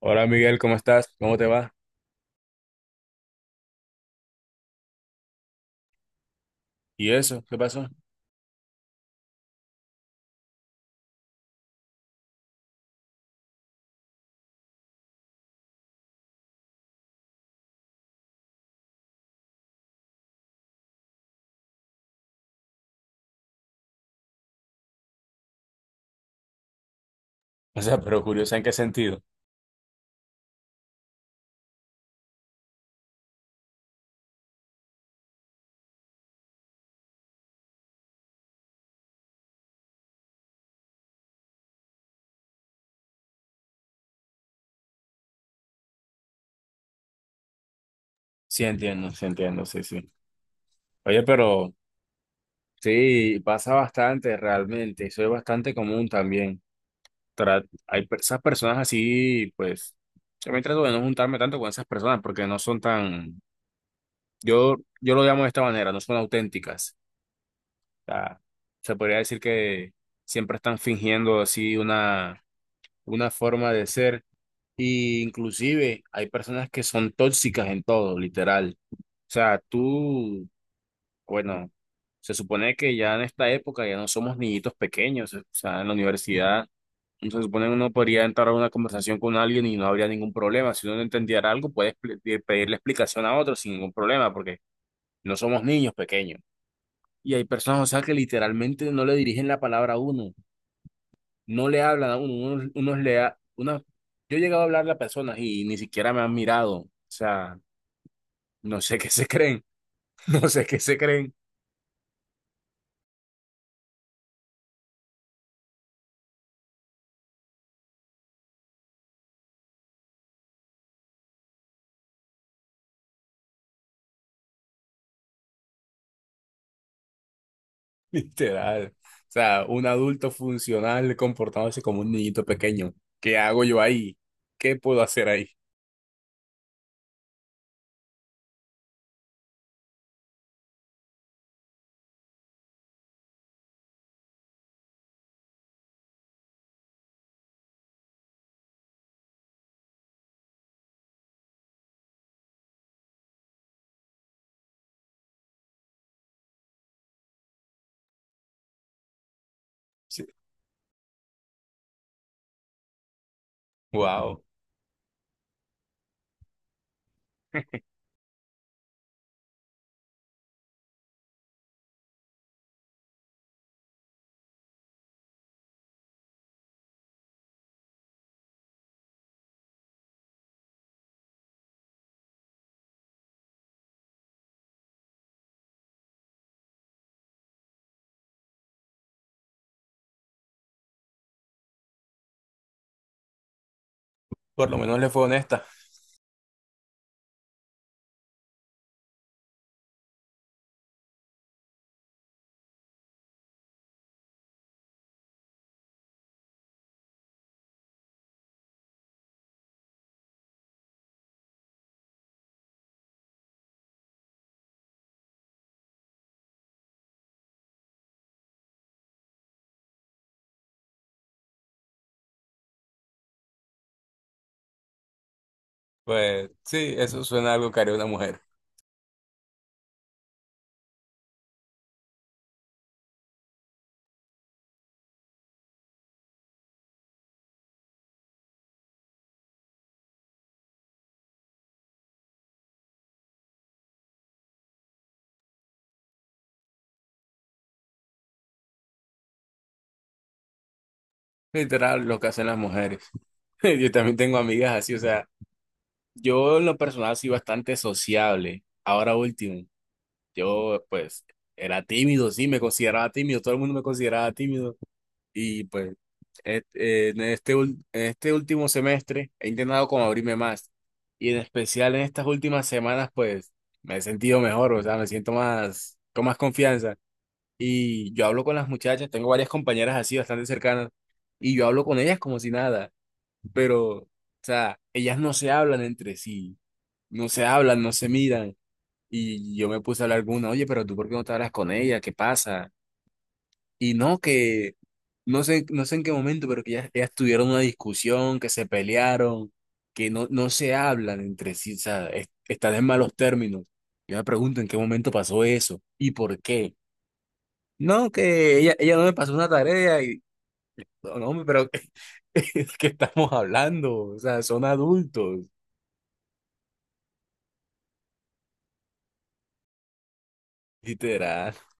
Hola Miguel, ¿cómo estás? ¿Cómo te va? ¿Y eso? ¿Qué pasó? O sea, pero curioso, ¿en qué sentido? Sí, entiendo, sí, entiendo, sí, sí. Oye, pero sí, pasa bastante realmente, eso es bastante común también. Esas personas así, pues, yo me trato de no juntarme tanto con esas personas porque no son tan, yo, yo lo llamo de esta manera, no son auténticas. O sea, se podría decir que siempre están fingiendo así una forma de ser. Y inclusive hay personas que son tóxicas en todo, literal. O sea, tú, bueno, se supone que ya en esta época ya no somos niñitos pequeños. O sea, en la universidad no se supone que uno podría entrar a una conversación con alguien y no habría ningún problema. Si uno no entendiera algo, puedes pedirle explicación a otro sin ningún problema, porque no somos niños pequeños. Y hay personas, o sea, que literalmente no le dirigen la palabra a uno, no le hablan a uno, unos, unos le ha- unos- yo he llegado a hablarle a personas y ni siquiera me han mirado, o sea, no sé qué se creen, no sé qué se creen, literal. O sea, un adulto funcional comportándose como un niñito pequeño. ¿Qué hago yo ahí? ¿Qué puedo hacer ahí? Sí. Wow, por lo menos le fue honesta. Pues sí, eso suena a algo que haría una mujer. Literal, lo que hacen las mujeres. Yo también tengo amigas así, o sea, yo en lo personal soy bastante sociable. Ahora último. Yo, pues, era tímido, sí, me consideraba tímido, todo el mundo me consideraba tímido. Y pues, en este último semestre he intentado como abrirme más. Y en especial en estas últimas semanas, pues, me he sentido mejor, o sea, me siento más, con más confianza. Y yo hablo con las muchachas, tengo varias compañeras así, bastante cercanas, y yo hablo con ellas como si nada. Pero, o sea, ellas no se hablan entre sí, no se hablan, no se miran y yo me puse a hablar con una, oye, pero tú ¿por qué no te hablas con ella? ¿Qué pasa? Y no, que no sé, no sé en qué momento, pero que ya, ellas tuvieron una discusión, que se pelearon, que no, no se hablan entre sí, o sea, están en malos términos. Yo me pregunto en qué momento pasó eso y por qué. No, que ella no me pasó una tarea y, no, no, hombre, pero es que estamos hablando, o sea, son adultos, literal. O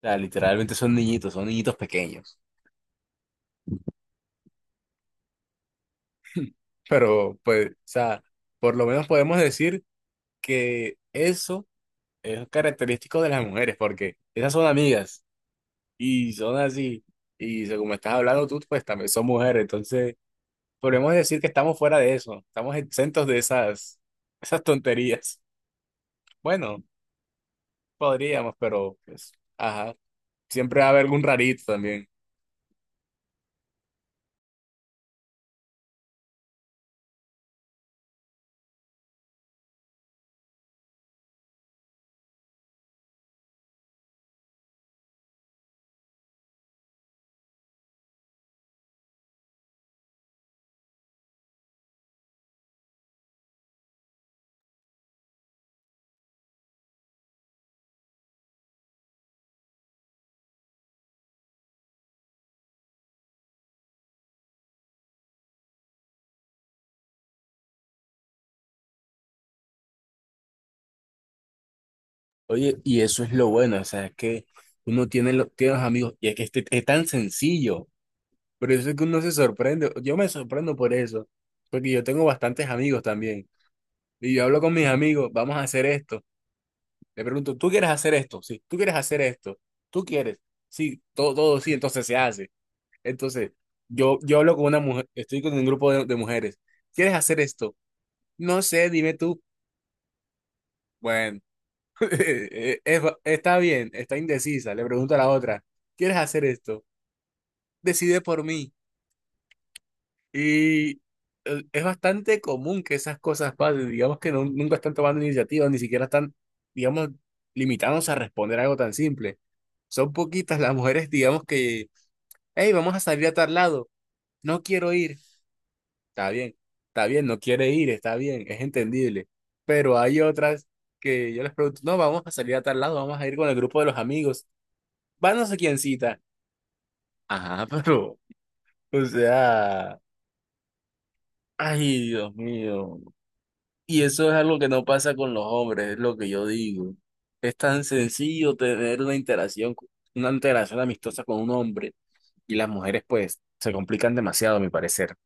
sea, literalmente son niñitos pequeños. Pero, pues, o sea, por lo menos podemos decir que eso es característico de las mujeres, porque esas son amigas y son así. Y según me estás hablando tú, pues también son mujeres. Entonces, podemos decir que estamos fuera de eso. Estamos exentos de esas, esas tonterías. Bueno, podríamos, pero, pues, ajá. Siempre va a haber algún rarito también. Oye, y eso es lo bueno, o sea, es que uno tiene, tiene los amigos y es que es tan sencillo. Por eso es que uno se sorprende. Yo me sorprendo por eso. Porque yo tengo bastantes amigos también. Y yo hablo con mis amigos, vamos a hacer esto. Le pregunto, ¿tú quieres hacer esto? Sí, ¿tú quieres hacer esto? ¿Tú quieres? Sí, todo, todo sí, entonces se hace. Entonces, yo hablo con una mujer, estoy con un grupo de mujeres. ¿Quieres hacer esto? No sé, dime tú. Bueno, está bien, está indecisa. Le pregunto a la otra, ¿quieres hacer esto? Decide por mí. Y es bastante común que esas cosas pasen, digamos que nunca están tomando iniciativas, ni siquiera están, digamos, limitándose a responder algo tan simple. Son poquitas las mujeres, digamos que, hey, vamos a salir a tal lado, no quiero ir, está bien, está bien, no quiere ir, está bien, es entendible. Pero hay otras que yo les pregunto, no, vamos a salir a tal lado, vamos a ir con el grupo de los amigos, van no sé quién cita. Ajá, pero, o sea, ay, Dios mío. Y eso es algo que no pasa con los hombres, es lo que yo digo. Es tan sencillo tener una interacción amistosa con un hombre y las mujeres pues se complican demasiado, a mi parecer.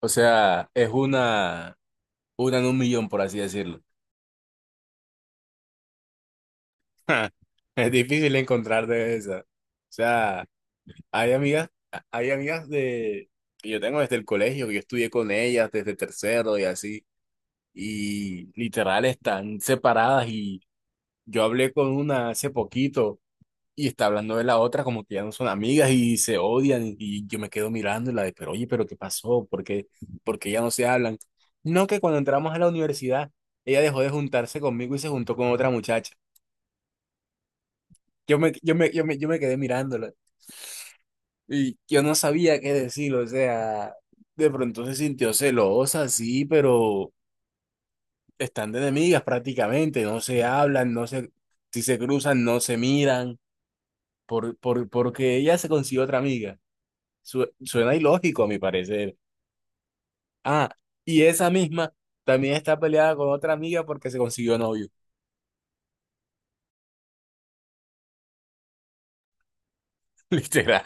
O sea, es una en un millón, por así decirlo. Es difícil encontrar de esa. O sea, hay amigas, hay amigas de que yo tengo desde el colegio, que yo estudié con ellas desde tercero y así, y literal están separadas y yo hablé con una hace poquito y está hablando de la otra como que ya no son amigas y se odian y yo me quedo mirando y la de, pero oye, pero ¿qué pasó? Por qué ya no se hablan? No, que cuando entramos a la universidad, ella dejó de juntarse conmigo y se juntó con otra muchacha. Yo me quedé mirándola y yo no sabía qué decir, o sea, de pronto se sintió celosa, sí, pero están de enemigas prácticamente, no se hablan, no se, si se cruzan, no se miran, porque ella se consiguió otra amiga. Suena ilógico a mi parecer. Ah, y esa misma también está peleada con otra amiga porque se consiguió novio. Literal.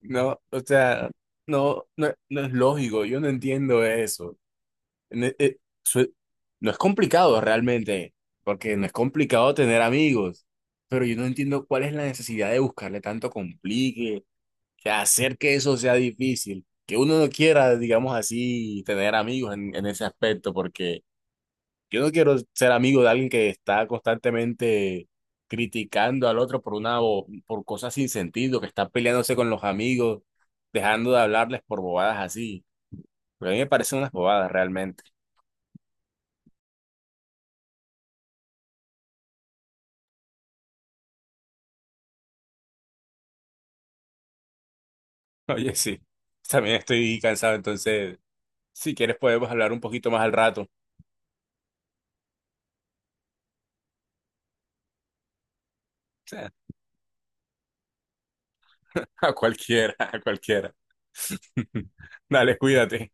No, o sea, no, no, no es lógico, yo no entiendo eso. No, su- no es complicado realmente, porque no es complicado tener amigos, pero yo no entiendo cuál es la necesidad de buscarle tanto complique, que hacer que eso sea difícil, que uno no quiera, digamos así, tener amigos en ese aspecto, porque yo no quiero ser amigo de alguien que está constantemente criticando al otro por una por cosas sin sentido, que está peleándose con los amigos, dejando de hablarles por bobadas así. Porque a mí me parecen unas bobadas realmente. Oye, sí. También estoy cansado, entonces, si quieres podemos hablar un poquito más al rato. A cualquiera, a cualquiera. Dale, cuídate.